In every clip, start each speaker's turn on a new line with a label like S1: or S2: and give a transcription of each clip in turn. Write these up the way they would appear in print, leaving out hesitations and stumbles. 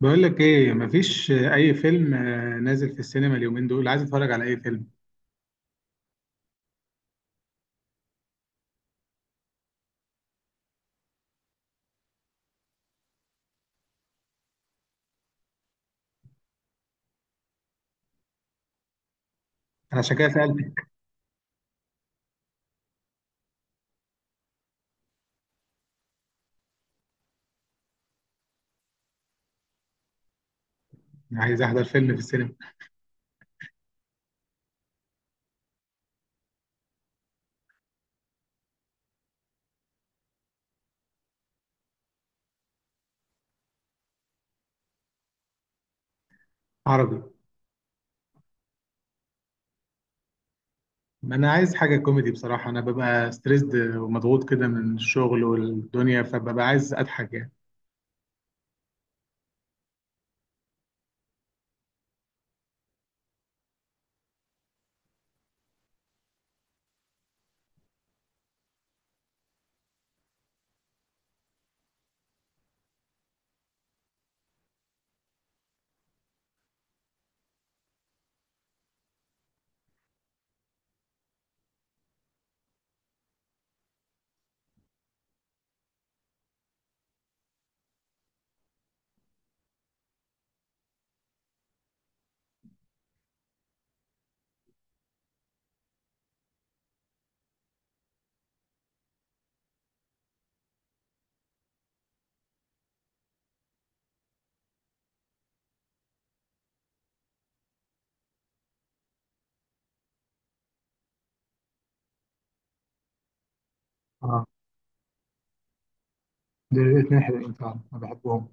S1: بقول لك ايه، مفيش اي فيلم نازل في السينما اليومين دول، عايز اتفرج على اي فيلم. انا عشان كده سالتك. أنا عايز احضر فيلم في السينما. عربي. ما انا عايز حاجه كوميدي بصراحه، انا ببقى ستريسد ومضغوط كده من الشغل والدنيا، فببقى عايز اضحك يعني. اه، دول الاثنين حلوين فعلا، انا بحبهم.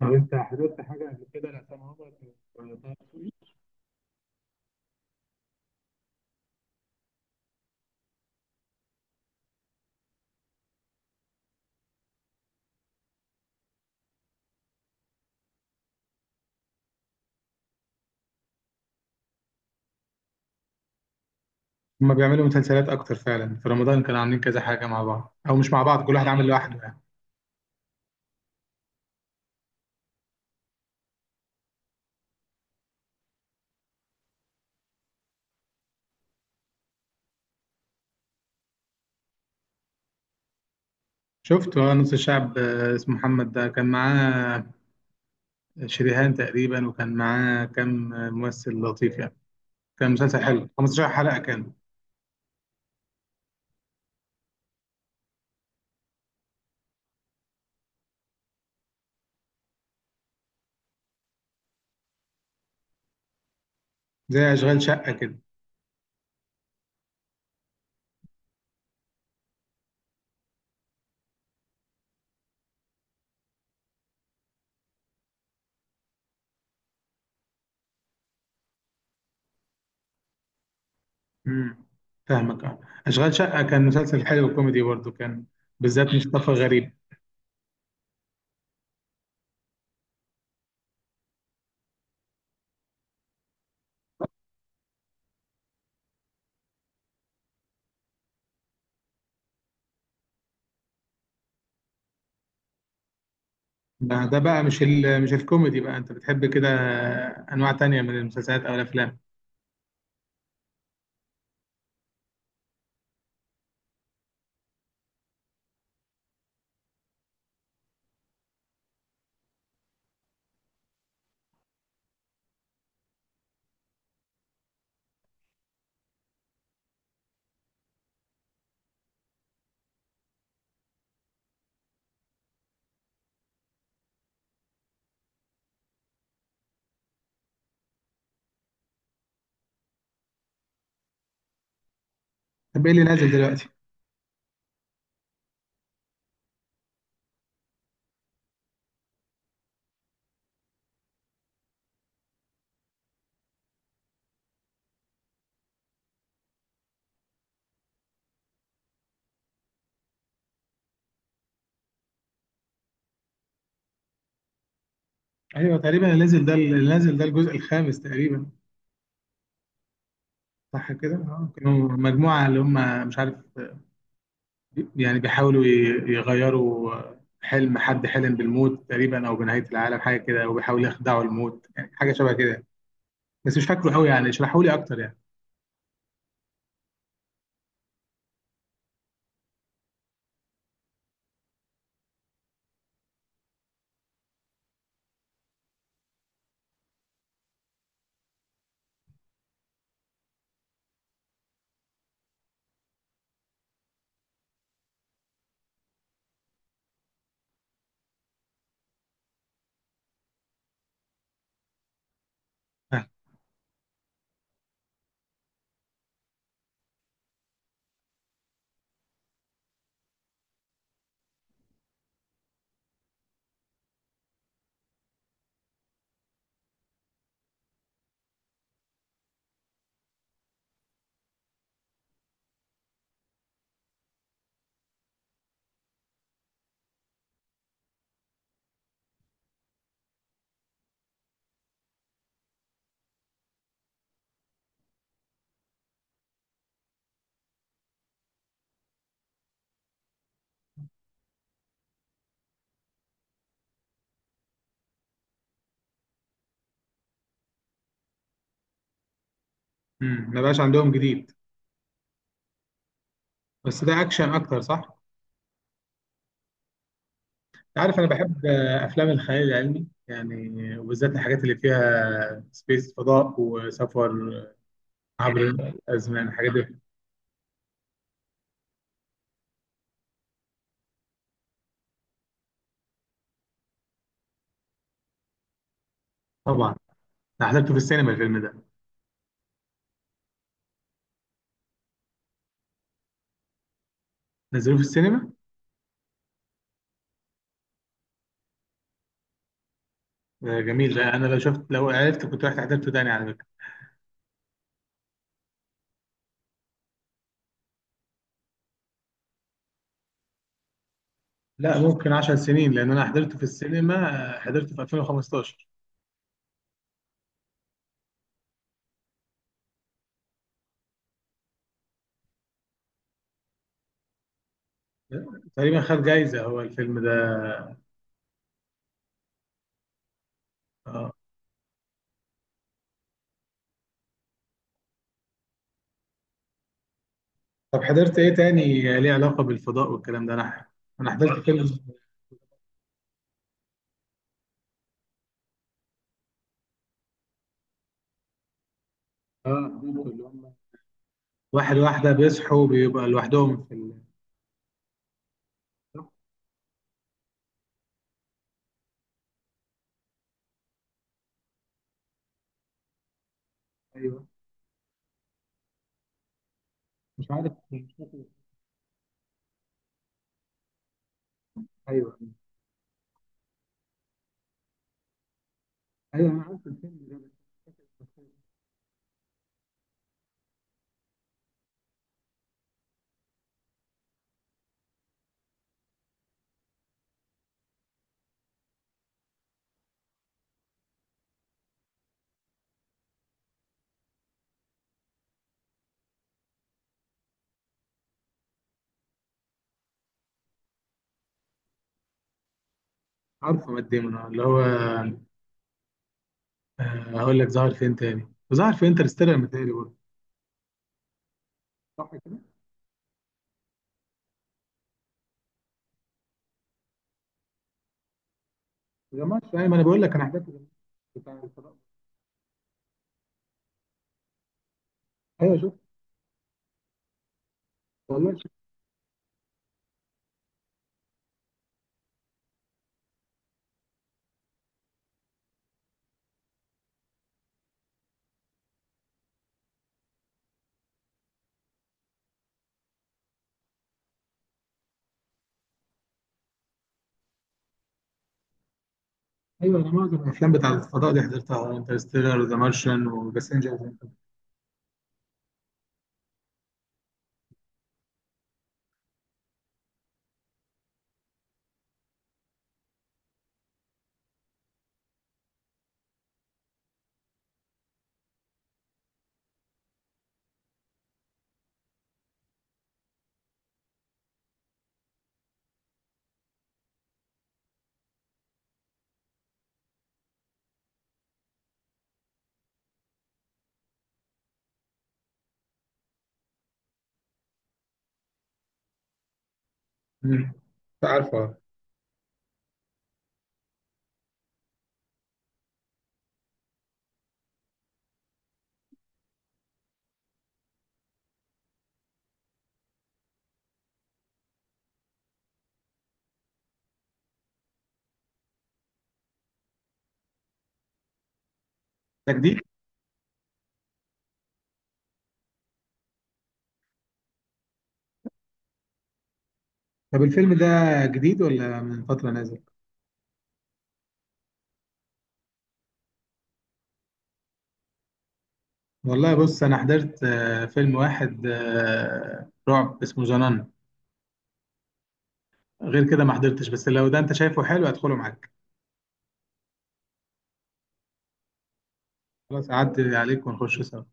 S1: طب انت حضرت حاجه قبل كده لعصام عمر ولا طه دسوقي؟ هما بيعملوا مسلسلات اكتر فعلا، في رمضان كانوا عاملين كذا حاجه مع بعض او مش مع بعض، كل واحد عامل لوحده يعني. شفت نص الشعب اسمه محمد ده، كان معاه شريهان تقريبا، وكان معاه كام ممثل لطيف يعني. كان مسلسل حلو، 15 حلقة كان. زي أشغال شقة كده. امم. فاهمك، اه. أشغال شقة كان مسلسل حلو كوميدي برضه، كان بالذات مصطفى غريب. ما ده بقى مش الكوميدي بقى، أنت بتحب كده أنواع تانية من المسلسلات أو الأفلام. طب إيه اللي نازل دلوقتي؟ أيوه، تقريبا اللي نازل ده الجزء الخامس تقريبا، صح كده؟ اه، كانوا مجموعة اللي هم مش عارف، يعني بيحاولوا يغيروا حلم، حد حلم بالموت تقريبا او بنهايه العالم، حاجه كده، وبيحاولوا يخدعوا الموت يعني، حاجه شبه كده. بس مش فاكره قوي يعني، اشرحوا لي اكتر يعني. آه. مم. ما بقاش عندهم جديد. بس ده اكشن اكتر، صح؟ انت عارف انا بحب افلام الخيال العلمي يعني، وبالذات الحاجات اللي فيها سبيس، فضاء وسفر عبر الازمان، الحاجات دي. طبعا. انا حضرته في السينما الفيلم ده. نزلوه في السينما. جميل ده، انا لو شفت، لو عرفت كنت رحت حضرته تاني على. لا، ممكن 10 سنين، لان انا حضرته في السينما، حضرته في 2015. تقريبا خد جايزة هو الفيلم ده. آه. طب حضرت ايه تاني ليه علاقة بالفضاء والكلام ده، انا حضرت فيلم. اه، حضرته، اللي هم واحد واحدة بيصحوا بيبقى لوحدهم في. ايوه. مش عارف، مش فاكر. ايوه، ايوه، انا عارف الفيلم ده. بس مش فاكر. عارفه مات ديمون، اللي هو، هقول لك ظهر فين تاني، ظهر في انترستيلر متهيألي برضه، صح كده؟ ما جمعتش، ايوه، ما انا بقول لك انا حضرت بتاع الفضاء. ايوه. والله شوف. ايوه، انا معظم الافلام بتاع الفضاء دي حضرتها، انترستيلر، ذا مارشن، وباسنجر. مم. عارفه. ده جديد. طب الفيلم ده جديد ولا من فتره نازل؟ والله بص، انا حضرت فيلم واحد رعب اسمه زنان. غير كده ما حضرتش، بس لو ده انت شايفه حلو هدخله معاك. خلاص، اعدي عليك ونخش سوا.